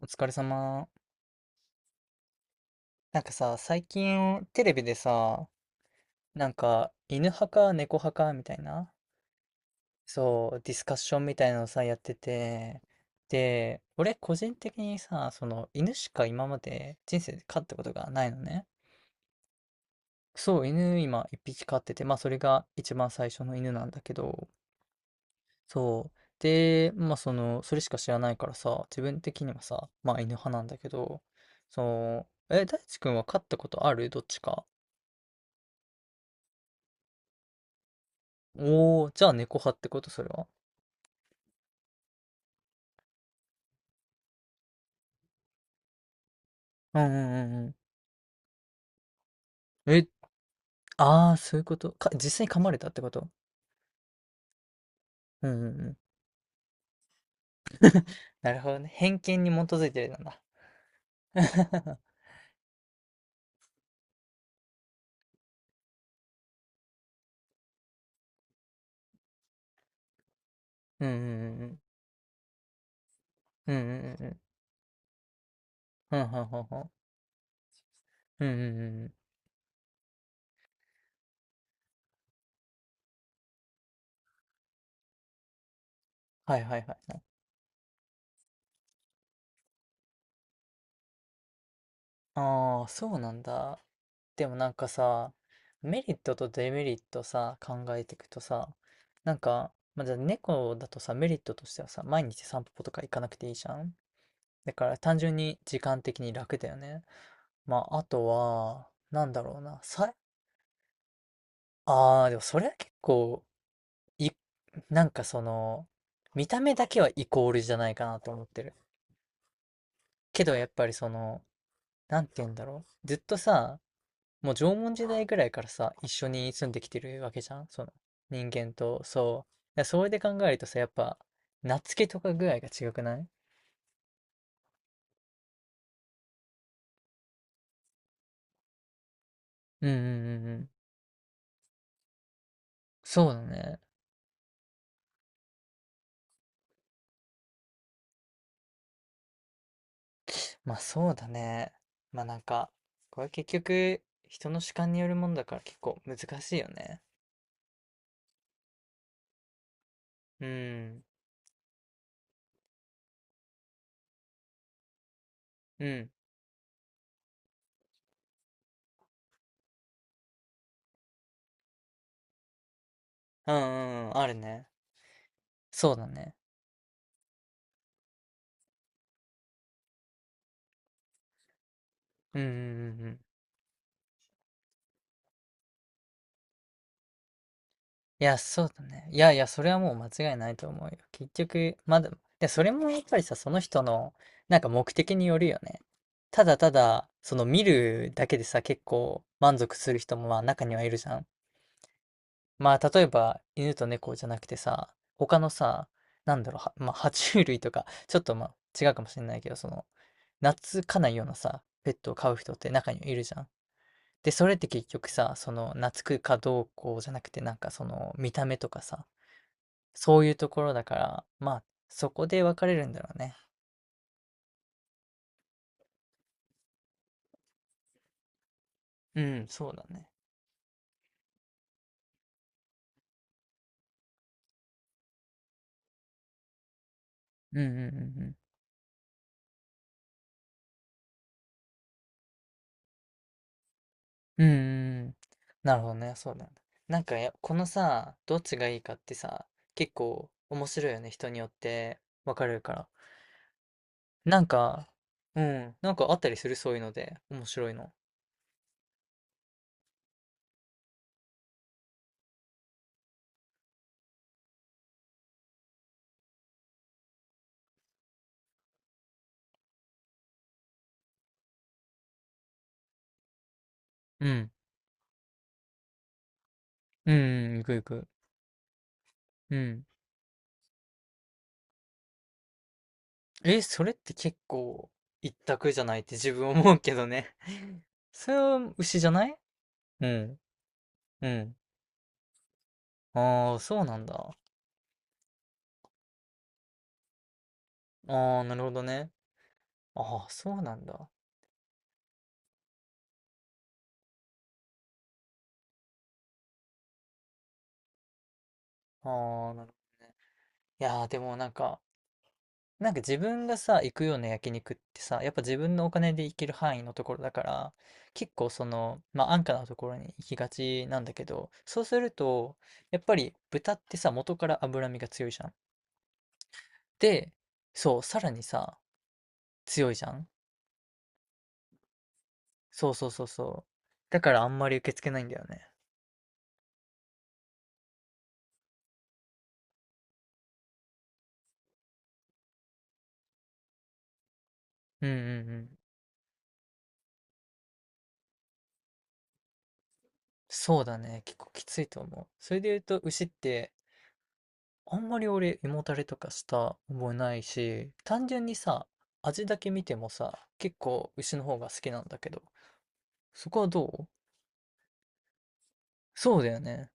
お疲れ様。なんかさ、最近テレビでさ、なんか犬派か猫派かみたいな、そう、ディスカッションみたいなのさ、やってて、で、俺個人的にさ、その犬しか今まで人生で飼ったことがないのね。そう、犬今一匹飼ってて、まあそれが一番最初の犬なんだけど、そう。で、まあその、それしか知らないからさ、自分的にはさ、まあ犬派なんだけど、そう、え、大地君は飼ったことあるどっちか？おお、じゃあ猫派ってことそれは？うんうんうんうん。え、ああ、そういうこと。実際に噛まれたってこと？うんうんうん。なるほどね。偏見に基づいてるなんだ。うんうんうんうん。うんうんうんうん。うんはんうんうん。うんうんうんうん。はいはいはいはい。ああ、そうなんだ。でもなんかさ、メリットとデメリットさ、考えていくとさ、なんか、まあ、じゃあ猫だとさ、メリットとしてはさ、毎日散歩とか行かなくていいじゃん。だから単純に時間的に楽だよね。まあ、あとは、なんだろうな。ああ、でもそれは結構、い、なんかその、見た目だけはイコールじゃないかなと思ってる。けどやっぱりその、なんて言うんだろう。ずっとさ、もう縄文時代ぐらいからさ、一緒に住んできてるわけじゃん。その、人間と、そう。だからそれで考えるとさ、やっぱ、懐けとかぐらいが違くない？うんうんうんうん。そうだね。まあそうだね。まあなんか、これは結局、人の主観によるものだから結構難しいよね。うん。うん。うんうんうん。あるね。そうだね。うんうんうんうん。いや、そうだね。いやいや、それはもう間違いないと思うよ。結局、まだ、で、それもやっぱりさ、その人の、なんか目的によるよね。ただただ、その見るだけでさ、結構満足する人もまあ中にはいるじゃん。まあ、例えば、犬と猫じゃなくてさ、他のさ、なんだろう、まあ、爬虫類とか、ちょっとまあ、違うかもしれないけど、その、懐かないようなさ、ペットを飼う人って中にいるじゃん。で、それって結局さ、その、懐くかどうこうじゃなくて、なんかその、見た目とかさ、そういうところだから、まあ、そこで分かれるんだろうね。うん、そうだね。うんうんうんうん。うんうんうん。なるほどね、そうなんだ。なんかや、このさ、どっちがいいかってさ、結構面白いよね、人によって分かれるから。なんか、うん、なんかあったりする、そういうので、面白いの？うん。うん、うん、いくいく。うん。え、それって結構一択じゃないって自分思うけどね。それは牛じゃない？うん、うん。ああ、そうなんだ。ああ、なるほどね。ああ、そうなんだ。ああ、なるほどね。いやー、でもなんか、なんか自分がさ、行くような焼肉ってさ、やっぱ自分のお金で行ける範囲のところだから、結構その、まあ安価なところに行きがちなんだけど、そうすると、やっぱり豚ってさ、元から脂身が強いじゃん。で、そう、さらにさ、強いじゃん。そうそうそうそう。だからあんまり受け付けないんだよね。うんうんうん。そうだね。結構きついと思う。それで言うと、牛って、あんまり俺、胃もたれとかした覚えないし、単純にさ、味だけ見てもさ、結構牛の方が好きなんだけど、そこはどう？そうだよね。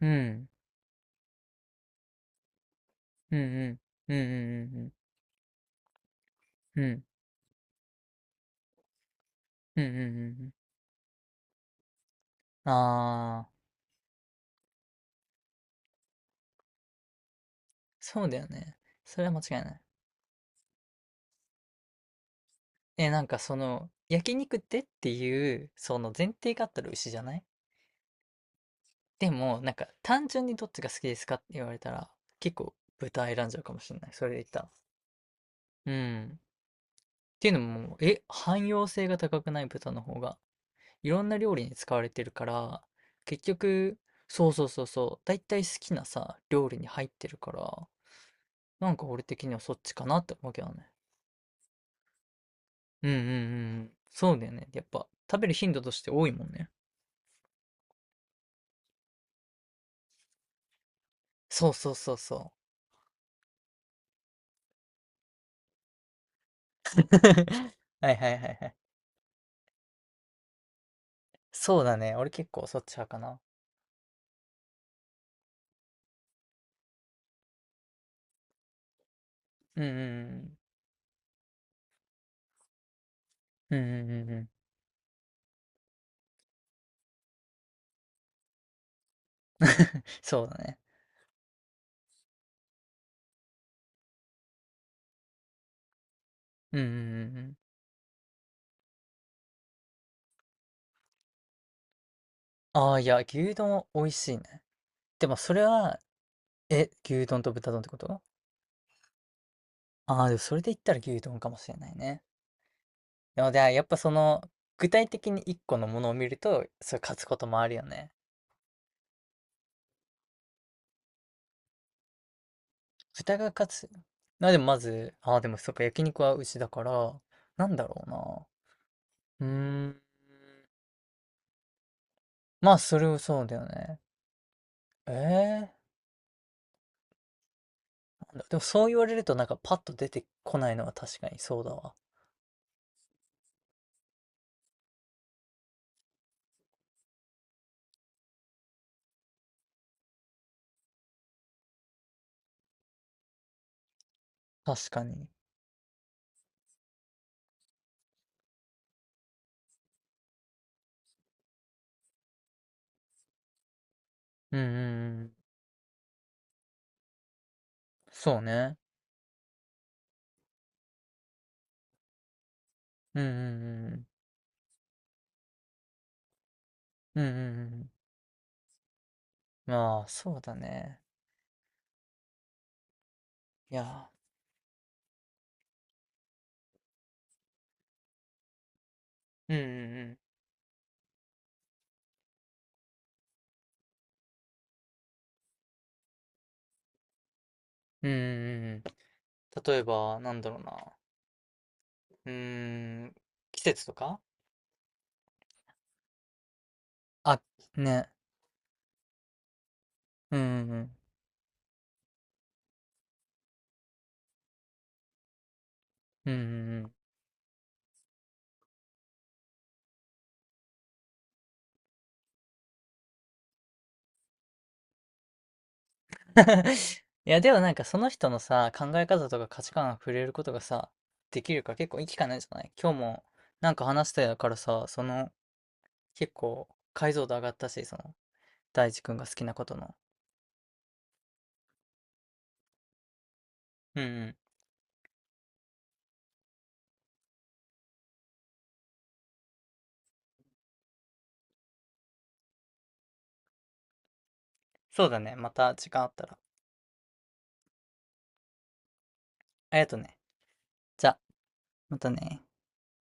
うん。うんうん。うんうんうんうん。うん。うんうんうんうん。ああ、そうだよね。それは間違いない。え、なんかその、焼肉ってっていう、その前提があったら牛じゃない？でも、なんか単純にどっちが好きですかって言われたら、結構豚選んじゃうかもしれない。それで言ったら。うん。ていうのも、え、汎用性が高くない豚の方が、いろんな料理に使われてるから、結局、そうそうそうそう、だいたい好きなさ、料理に入ってるから、なんか俺的にはそっちかなって思うけどね。うんうんうんうん。そうだよね。やっぱ、食べる頻度として多いもんね。そうそうそうそう。はいはいはいはい。そうだね。俺結構そっち派かな。うんうんうん。うんうんうんうん。そうだね。うんうんうんうん。ああ、いや、牛丼美味しいね。でもそれは、え、牛丼と豚丼ってこと？ああー、でもそれで言ったら牛丼かもしれないね。でも、じゃあやっぱその、具体的に一個のものを見ると、それ勝つこともあるよね。豚が勝つ。でもまず、ああ、でもそっか、焼肉は牛だから、なんだろうな。うーん。まあ、それをそうだよね。ええなんだ、でもそう言われるとなんかパッと出てこないのは確かにそうだわ。確かに。うんうんうん。そうね。うんうんうん。うんうんうん。まあ、そうだね。いやー。うんうんうん。うんうんうんうん。例えば、なんだろうな。うーん、季節とか？あ、ね。うんうんうん。うんうんうん。いや、でもなんかその人のさ、考え方とか価値観が触れることがさ、できるから結構いい機会なんじゃない？今日もなんか話したやからさ、その結構解像度上がったし、その大地君が好きなことの。うんうん。そうだね。また時間あったら。ありがとうね。じゃあ、またね。